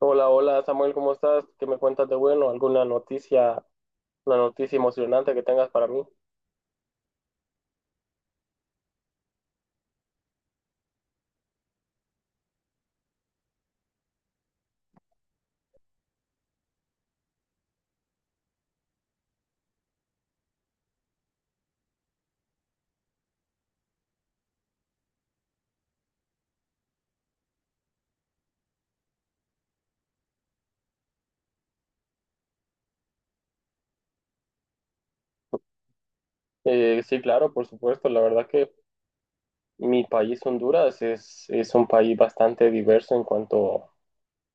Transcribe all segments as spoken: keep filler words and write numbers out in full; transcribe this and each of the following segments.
Hola, hola Samuel, ¿cómo estás? ¿Qué me cuentas de bueno? ¿Alguna noticia, una noticia emocionante que tengas para mí? Eh, sí, claro, por supuesto. La verdad que mi país, Honduras, es, es un país bastante diverso en cuanto,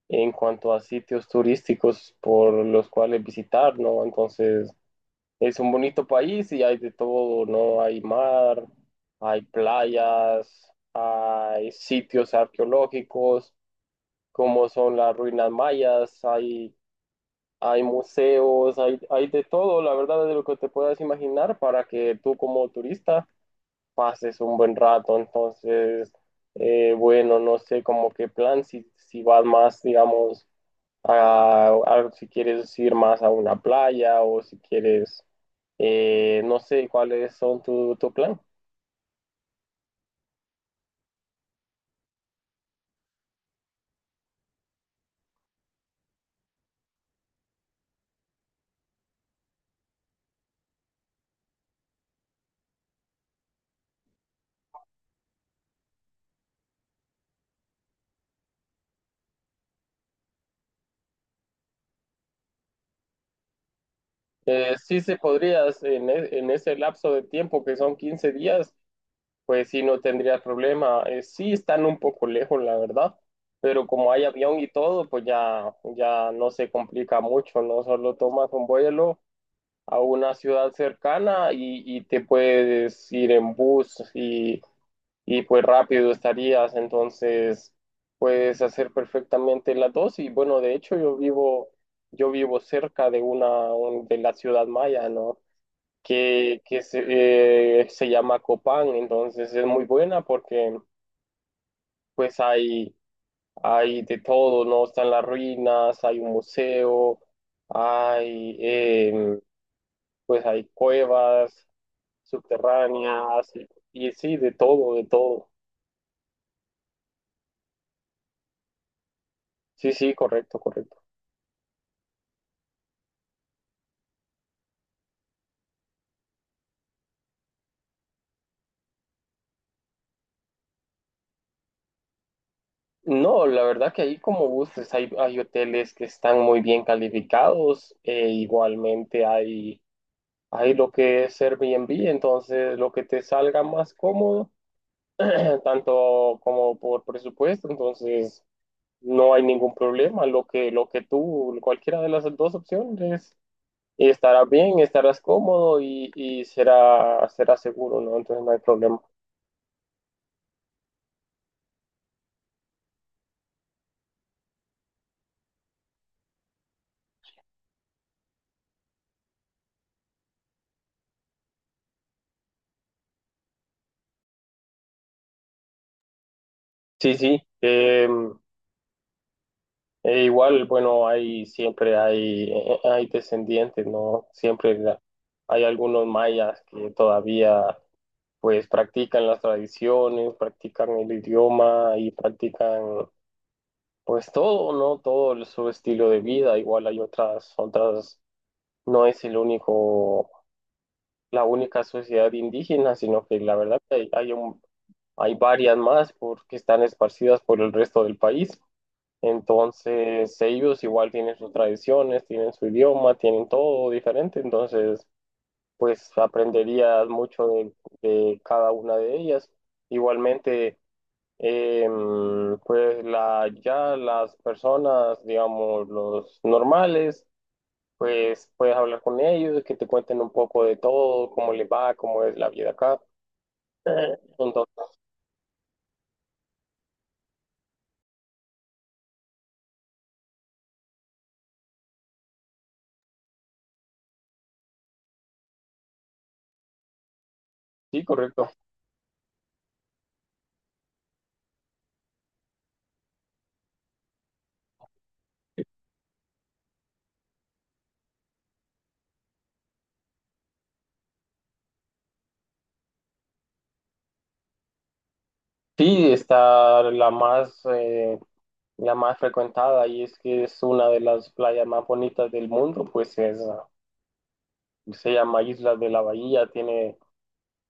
en cuanto a sitios turísticos por los cuales visitar, ¿no? Entonces, es un bonito país y hay de todo, ¿no? Hay mar, hay playas, hay sitios arqueológicos, como son las ruinas mayas, hay Hay museos, hay, hay de todo, la verdad, de lo que te puedas imaginar para que tú como turista pases un buen rato. Entonces, eh, bueno, no sé como qué plan, si, si vas más, digamos, a, a- si quieres ir más a una playa o si quieres, eh, no sé cuáles son tu, tu plan. Eh, sí se podrías en, e- en ese lapso de tiempo que son quince días, pues sí, no tendría problema. Eh, sí están un poco lejos, la verdad, pero como hay avión y todo, pues ya, ya no se complica mucho, ¿no? Solo tomas un vuelo a una ciudad cercana y, y te puedes ir en bus y, y pues rápido estarías, entonces puedes hacer perfectamente las dos y bueno, de hecho yo vivo, yo vivo cerca de una un- de la ciudad maya, ¿no? que, que se, eh, se llama Copán, entonces es muy buena porque pues hay, hay de todo, ¿no? Están las ruinas, hay un museo, hay eh, pues hay cuevas subterráneas y, y sí, de todo, de todo. Sí, sí, correcto, correcto. No, la verdad que ahí como gustes, hay, hay hoteles que están muy bien calificados, e igualmente hay, hay lo que es Airbnb, entonces lo que te salga más cómodo tanto como por presupuesto, entonces no hay ningún problema. Lo que, lo que tú, cualquiera de las dos opciones, estarás bien, estarás cómodo y, y será, será seguro, ¿no? Entonces no hay problema. Sí, sí. eh, e igual, bueno, hay siempre hay, eh, hay descendientes, ¿no? Siempre la- hay algunos mayas que todavía pues practican las tradiciones, practican el idioma y practican Pues todo, ¿no? Todo el- su estilo de vida, igual hay otras, otras, no es el único, la única sociedad indígena, sino que la verdad que hay, hay un, hay varias más porque están esparcidas por el resto del país. Entonces, ellos igual tienen sus tradiciones, tienen su idioma, tienen todo diferente. Entonces, pues aprenderías mucho de, de cada una de ellas. Igualmente. Em, pues la, ya las personas, digamos, los normales, pues puedes hablar con ellos, que te cuenten un poco de todo, cómo les va, cómo es la vida acá. Entonces, sí, correcto. Sí, está la más, eh, la más frecuentada y es que es una de las playas más bonitas del mundo, pues es, ah, se llama Isla de la Bahía, tiene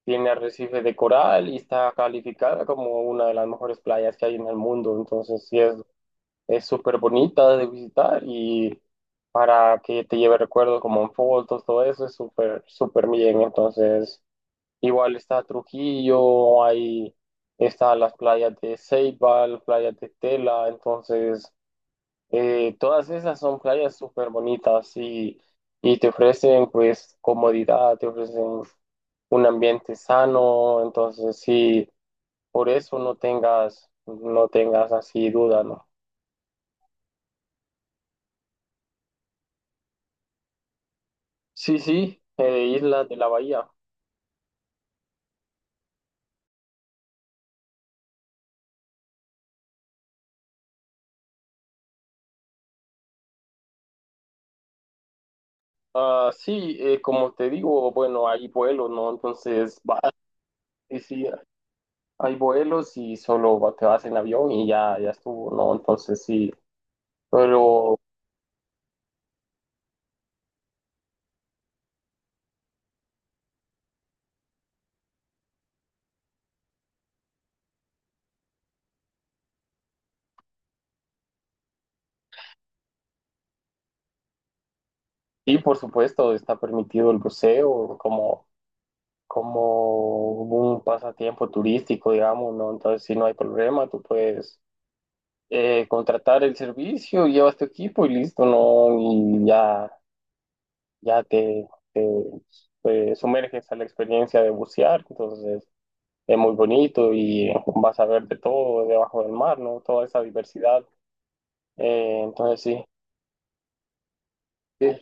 tiene arrecife de coral y está calificada como una de las mejores playas que hay en el mundo. Entonces, sí, es, es súper bonita de visitar y para que te lleve recuerdos como en fotos, todo eso es súper, súper bien. Entonces, igual está Trujillo, hay, está las playas de Ceibal, playas de Tela. Entonces, eh, todas esas son playas súper bonitas y, y te ofrecen pues comodidad, te ofrecen un ambiente sano, entonces sí, por eso no tengas, no tengas así duda, ¿no? Sí, sí, eh, Islas de la Bahía. Ah, sí, eh, como te digo, bueno, hay vuelos, ¿no? Entonces, va, sí, sí, hay vuelos y solo va- te vas en avión y ya, ya estuvo, ¿no? Entonces, sí, pero sí, por supuesto, está permitido el buceo, como como un pasatiempo turístico, digamos, ¿no? Entonces, si no hay problema, tú puedes eh, contratar el servicio, llevas tu equipo y listo, ¿no? Y ya, ya te, te, pues, sumerges a la experiencia de bucear, entonces es muy bonito y vas a ver de todo debajo del mar, ¿no? Toda esa diversidad. Eh, entonces, sí. sí.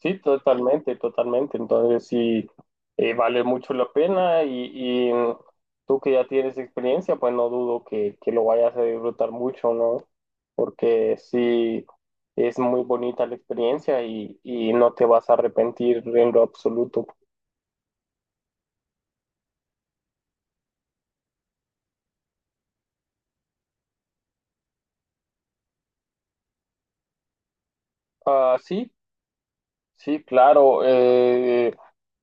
Sí, totalmente, totalmente. Entonces sí, eh, vale mucho la pena y, y tú que ya tienes experiencia, pues no dudo que, que lo vayas a disfrutar mucho, ¿no? Porque sí, es muy bonita la experiencia y, y no te vas a arrepentir en lo absoluto. Ah, sí, sí, claro. eh,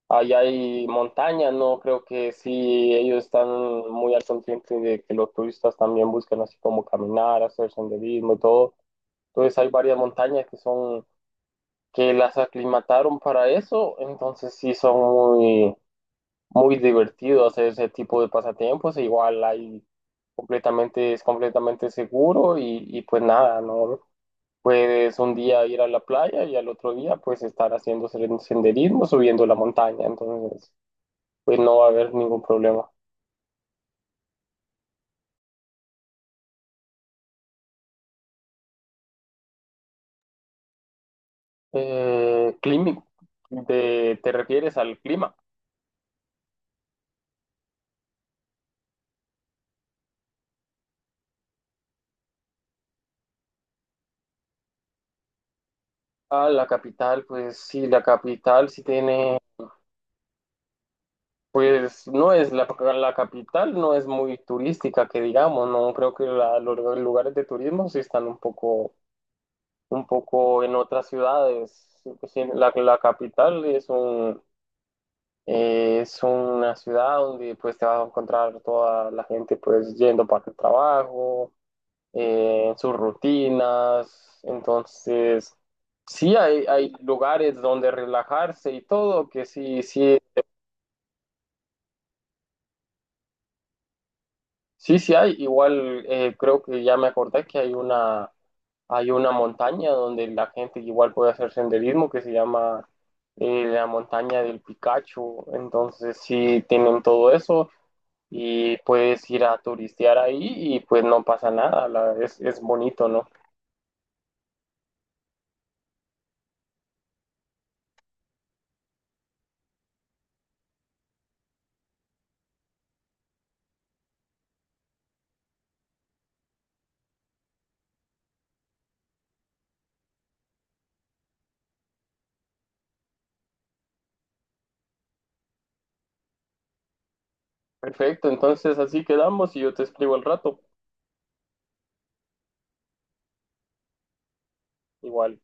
allá hay montaña, ¿no? Creo que sí, ellos están muy al consciente de que los turistas también buscan así como caminar, hacer senderismo y todo. Entonces hay varias montañas que son, que las aclimataron para eso, entonces sí son muy, muy divertidos hacer ese tipo de pasatiempos, e igual hay completamente, es completamente seguro y, y pues nada, ¿no? Puedes un día ir a la playa y al otro día pues estar haciendo sen- senderismo, subiendo la montaña, entonces pues no va a haber ningún problema. Eh, climi- ¿te, te refieres al clima? A la capital, pues sí, la capital sí tiene pues no es la, la capital, no es muy turística, que digamos, no creo que la- los lugares de turismo sí están un poco, un poco en otras ciudades. Sí, La, la capital es un, eh, es una ciudad donde pues te vas a encontrar toda la gente pues yendo para el trabajo, eh, sus rutinas, entonces sí hay, hay lugares donde relajarse y todo, que sí, sí sí, sí hay. Igual eh, creo que ya me acordé que hay una, hay una montaña donde la gente igual puede hacer senderismo que se llama eh, la montaña del Picacho. Entonces sí tienen todo eso y puedes ir a turistear ahí y pues no pasa nada. la- es, es bonito, ¿no? Perfecto, entonces así quedamos y yo te escribo al rato. Igual.